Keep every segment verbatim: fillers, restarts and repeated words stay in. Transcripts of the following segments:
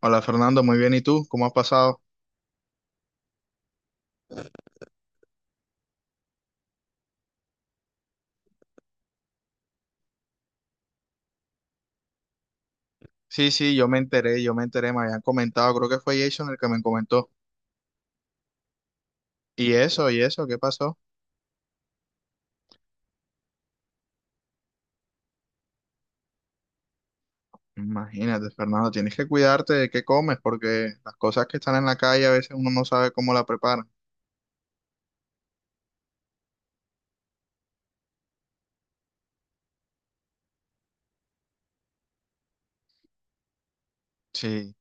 Hola Fernando, muy bien. ¿Y tú? ¿Cómo has pasado? Sí, sí, yo me enteré, yo me enteré, me habían comentado, creo que fue Jason el que me comentó. ¿Y eso? ¿Y eso? ¿Qué pasó? Imagínate, Fernando, tienes que cuidarte de qué comes, porque las cosas que están en la calle a veces uno no sabe cómo la preparan. Sí.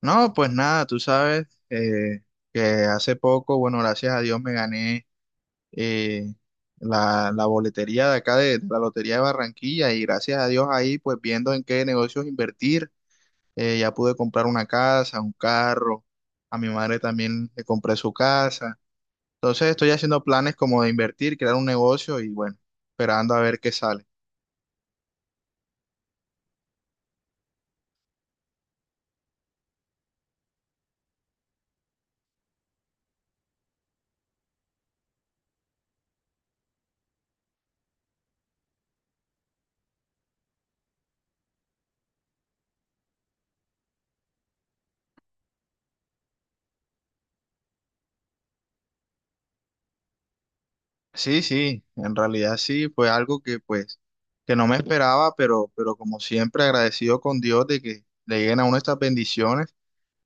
No, pues nada, tú sabes eh, que hace poco, bueno, gracias a Dios me gané eh, la, la boletería de acá de, de la Lotería de Barranquilla y gracias a Dios ahí, pues viendo en qué negocios invertir. Eh, ya pude comprar una casa, un carro, a mi madre también le compré su casa. Entonces estoy haciendo planes como de invertir, crear un negocio y bueno, esperando a ver qué sale. Sí, sí, en realidad sí, fue algo que pues que no me esperaba, pero, pero como siempre agradecido con Dios de que le lleguen a uno estas bendiciones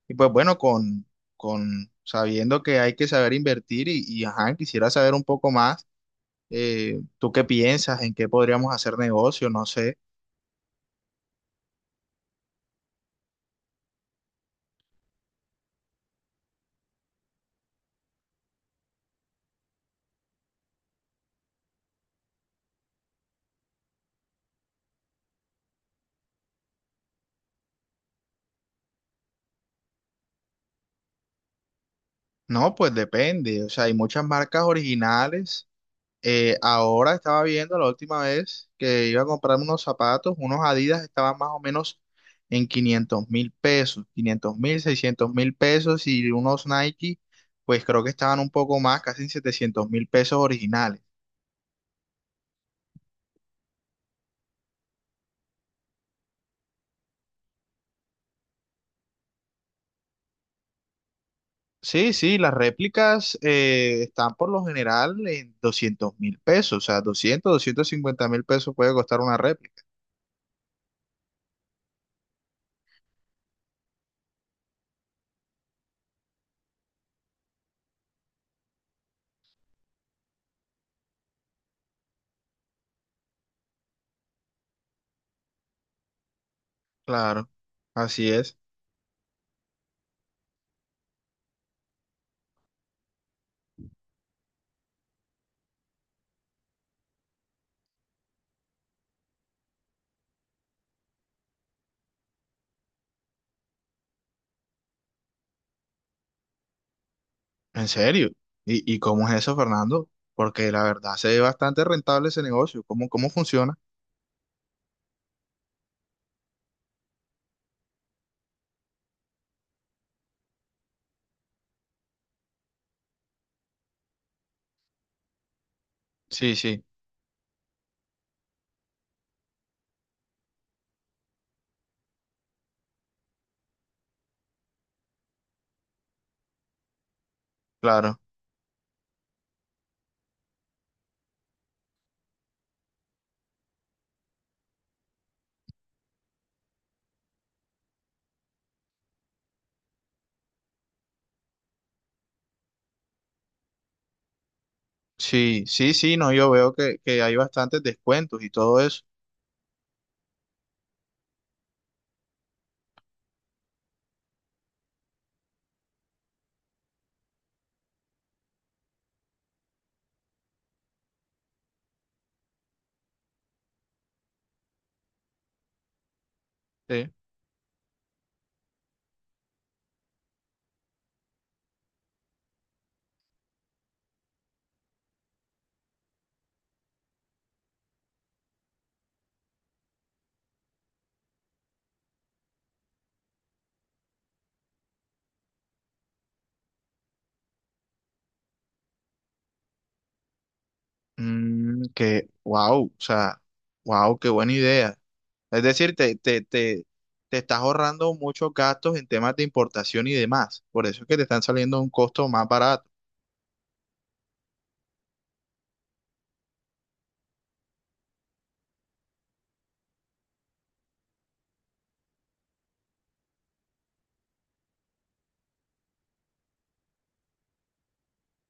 y pues bueno, con, con sabiendo que hay que saber invertir y, y ajá, quisiera saber un poco más, eh, ¿tú qué piensas? ¿En qué podríamos hacer negocio? No sé. No, pues depende. O sea, hay muchas marcas originales. Eh, ahora estaba viendo la última vez que iba a comprar unos zapatos, unos Adidas estaban más o menos en quinientos mil pesos, quinientos mil, seiscientos mil pesos y unos Nike, pues creo que estaban un poco más, casi en setecientos mil pesos originales. Sí, sí, las réplicas eh, están por lo general en doscientos mil pesos, o sea, doscientos, doscientos cincuenta mil pesos puede costar una réplica. Claro, así es. En serio. ¿Y, y cómo es eso, Fernando? Porque la verdad se ve bastante rentable ese negocio. ¿Cómo, cómo funciona? Sí, sí, claro. Sí, sí, sí, no, yo veo que, que hay bastantes descuentos y todo eso. Sí. Mm, que, wow, o sea, wow, qué buena idea. Es decir, te, te, te, te estás ahorrando muchos gastos en temas de importación y demás. Por eso es que te están saliendo a un costo más barato.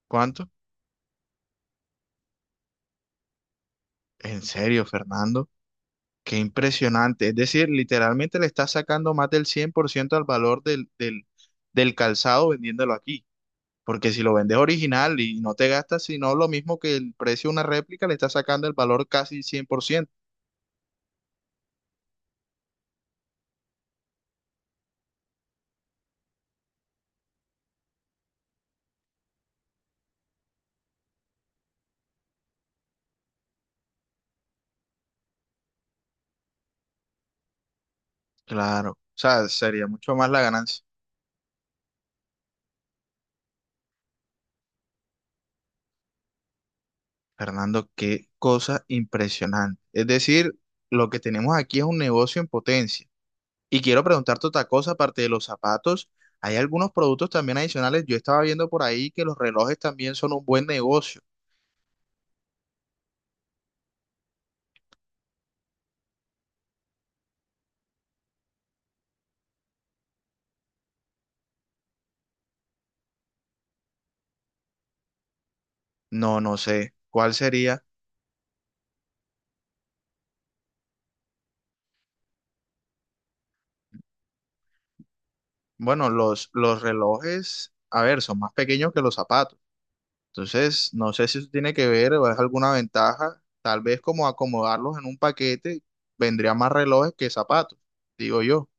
¿Cuánto? En serio, Fernando. Qué impresionante. Es decir, literalmente le está sacando más del cien por ciento al valor del, del, del calzado vendiéndolo aquí. Porque si lo vendes original y no te gastas, sino lo mismo que el precio de una réplica, le está sacando el valor casi cien por ciento. Claro. O sea, sería mucho más la ganancia. Fernando, qué cosa impresionante. Es decir, lo que tenemos aquí es un negocio en potencia. Y quiero preguntarte otra cosa, aparte de los zapatos, hay algunos productos también adicionales. Yo estaba viendo por ahí que los relojes también son un buen negocio. No, no sé. ¿Cuál sería? Bueno, los, los relojes, a ver, son más pequeños que los zapatos. Entonces, no sé si eso tiene que ver o es alguna ventaja. Tal vez como acomodarlos en un paquete, vendría más relojes que zapatos, digo yo.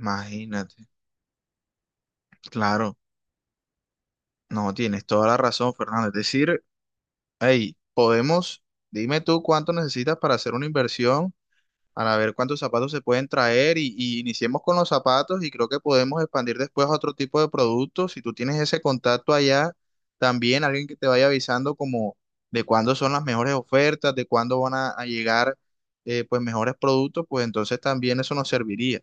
Imagínate. Claro, no, tienes toda la razón, Fernando. Es decir, hey, podemos, dime tú cuánto necesitas para hacer una inversión. Para ver cuántos zapatos se pueden traer y, y iniciemos con los zapatos y creo que podemos expandir después a otro tipo de productos. Si tú tienes ese contacto allá, también alguien que te vaya avisando como de cuándo son las mejores ofertas, de cuándo van a, a llegar eh, pues mejores productos, pues entonces también eso nos serviría,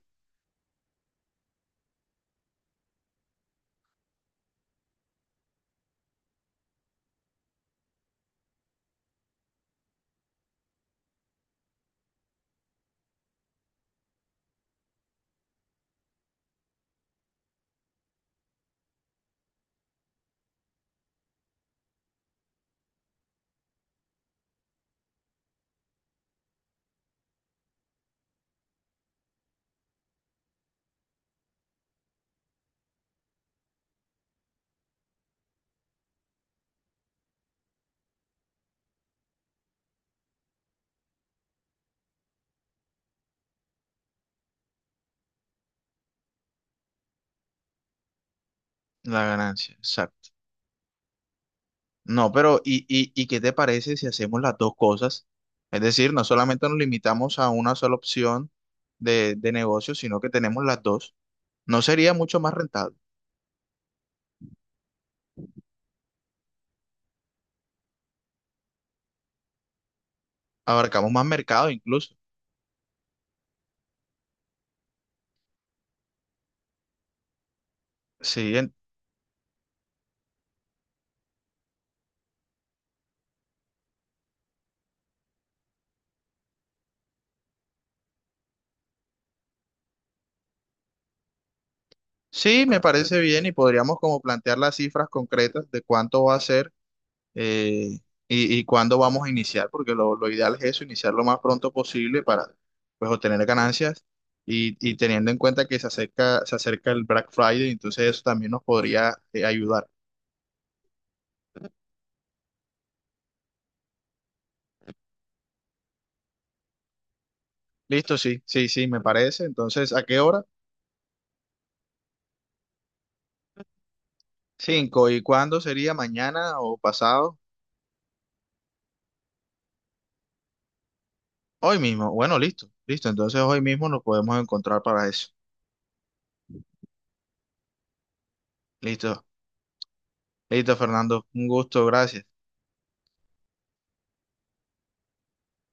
la ganancia. Exacto. No, pero ¿y, y, y qué te parece si hacemos las dos cosas? Es decir, no solamente nos limitamos a una sola opción de, de negocio, sino que tenemos las dos. ¿No sería mucho más rentable? Abarcamos más mercado incluso. Sí, en- sí, me parece bien y podríamos como plantear las cifras concretas de cuánto va a ser eh, y, y cuándo vamos a iniciar, porque lo, lo ideal es eso, iniciar lo más pronto posible para pues obtener ganancias y, y teniendo en cuenta que se acerca, se acerca el Black Friday, entonces eso también nos podría eh, ayudar. Listo, sí, sí, sí, me parece. Entonces, ¿a qué hora? Cinco. ¿Y cuándo sería? ¿Mañana o pasado? Hoy mismo. Bueno, listo, listo. Entonces hoy mismo nos podemos encontrar para eso. Listo, listo, Fernando. Un gusto, gracias.